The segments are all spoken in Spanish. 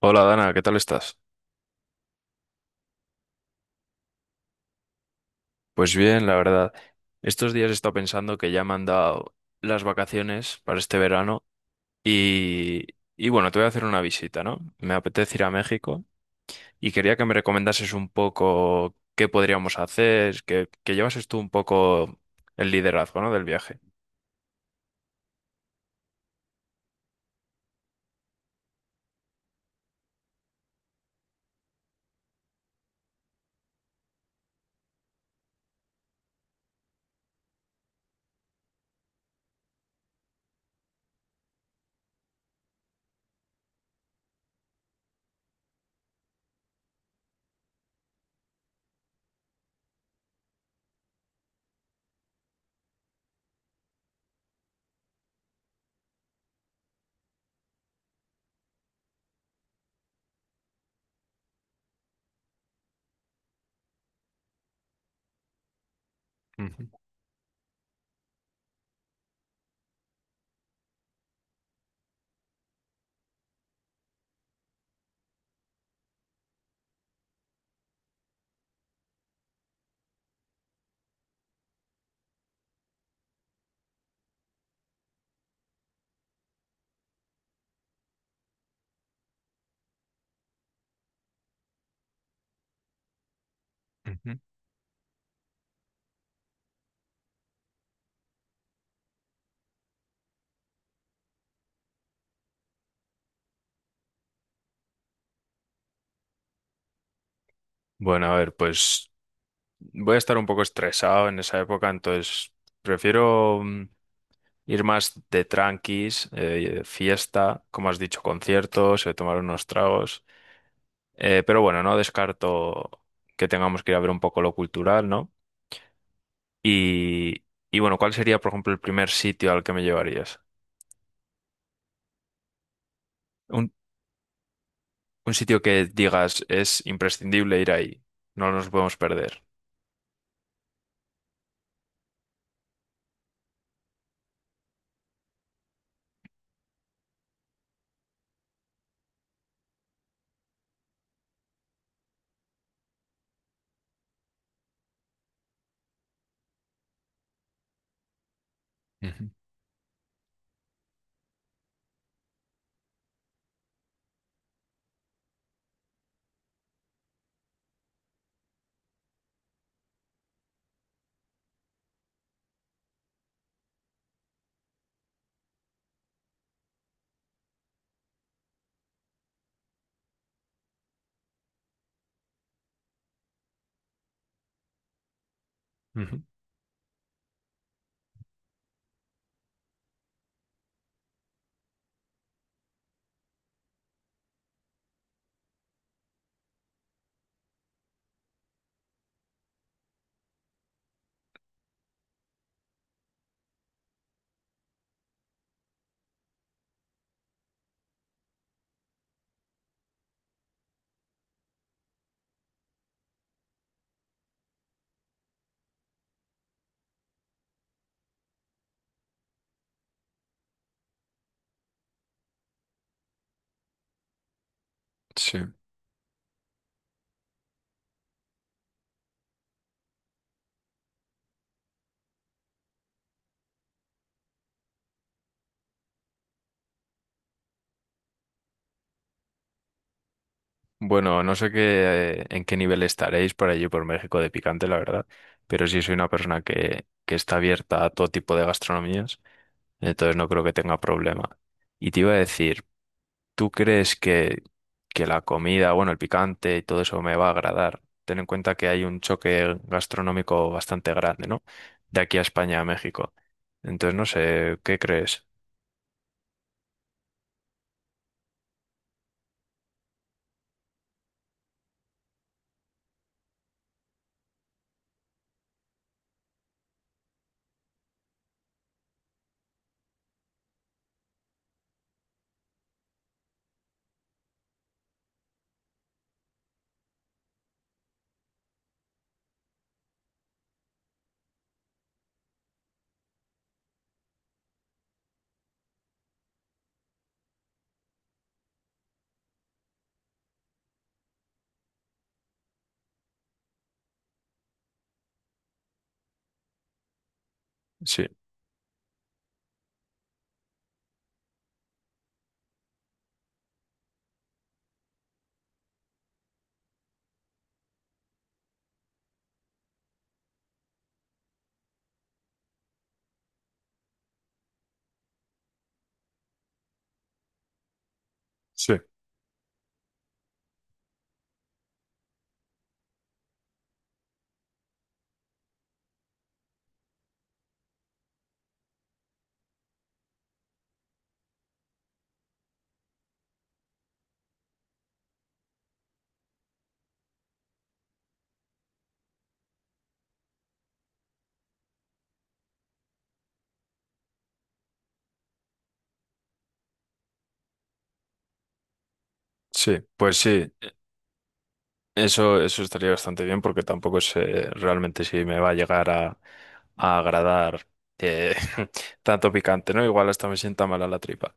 Hola Dana, ¿qué tal estás? Pues bien, la verdad. Estos días he estado pensando que ya me han dado las vacaciones para este verano y, y bueno, te voy a hacer una visita, ¿no? Me apetece ir a México y quería que me recomendases un poco qué podríamos hacer, que llevases tú un poco el liderazgo, ¿no? Del viaje. Ujú, ujú. Bueno, a ver, pues voy a estar un poco estresado en esa época, entonces prefiero ir más de tranquis, fiesta, como has dicho, conciertos, tomar unos tragos. Pero bueno, no descarto que tengamos que ir a ver un poco lo cultural, ¿no? Y, y bueno, ¿cuál sería, por ejemplo, el primer sitio al que me llevarías? Un, un sitio que digas es imprescindible ir ahí, no nos podemos perder. Ujú, ujú. Sí. Bueno, no sé qué, en qué nivel estaréis por allí, por México de picante, la verdad, pero sí soy una persona que está abierta a todo tipo de gastronomías. Entonces no creo que tenga problema. Y te iba a decir, ¿tú crees que la comida, bueno, el picante y todo eso me va a agradar? Ten en cuenta que hay un choque gastronómico bastante grande, ¿no? De aquí a España, a México. Entonces, no sé, ¿qué crees? Sí, sí, sí. Pues sí, eso estaría bastante bien porque tampoco sé realmente si me va a llegar a agradar eh, tanto picante, ¿no? Igual hasta me sienta mal a la tripa.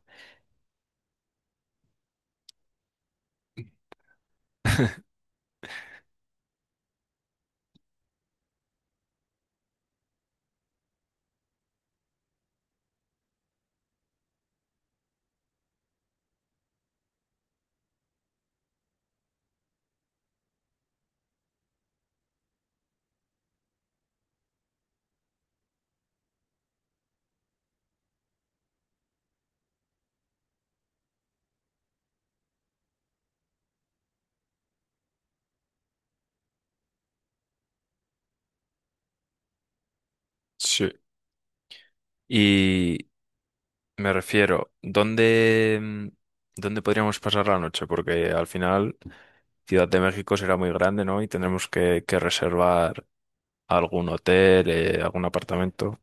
Sí. Y me refiero, ¿dónde, dónde podríamos pasar la noche? Porque al final Ciudad de México será muy grande, ¿no? Y tendremos que reservar algún hotel, algún apartamento.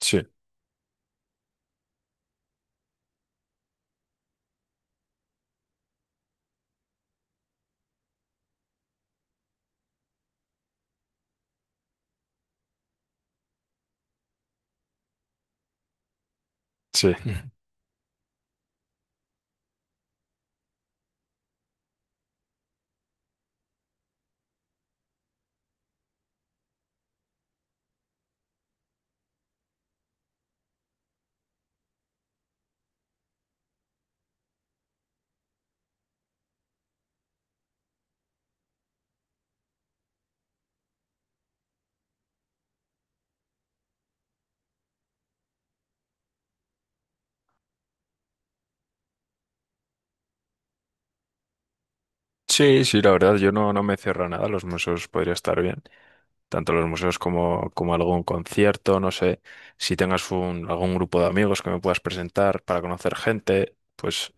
Sí, sí. Sí, sí, la verdad, yo no, no me cierro a nada. Los museos podría estar bien. Tanto los museos como, como algún concierto, no sé. Si tengas un, algún grupo de amigos que me puedas presentar para conocer gente, pues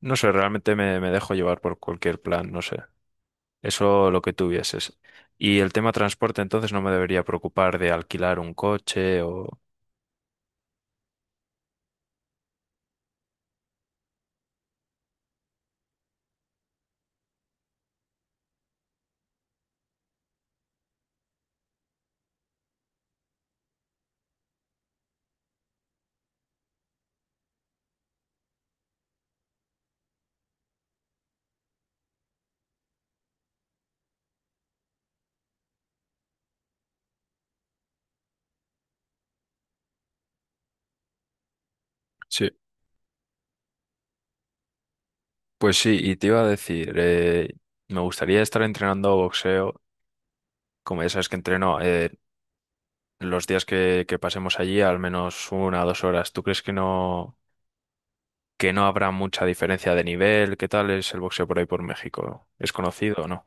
no sé, realmente me dejo llevar por cualquier plan, no sé. Eso lo que tuvieses. Y el tema transporte, entonces no me debería preocupar de alquilar un coche o... Sí, pues sí, y te iba a decir, me gustaría estar entrenando boxeo, como ya sabes que entreno, los días que pasemos allí, al menos una o dos horas. ¿Tú crees que no habrá mucha diferencia de nivel? ¿Qué tal es el boxeo por ahí por México? ¿Es conocido o no?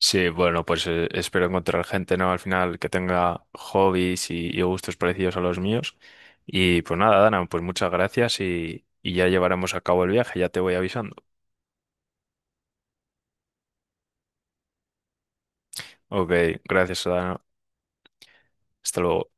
Sí, bueno, pues espero encontrar gente, ¿no? Al final que tenga hobbies y gustos parecidos a los míos. Y pues nada, Dana, pues muchas gracias y ya llevaremos a cabo el viaje, ya te voy avisando. Ok, gracias, Dana. Hasta luego.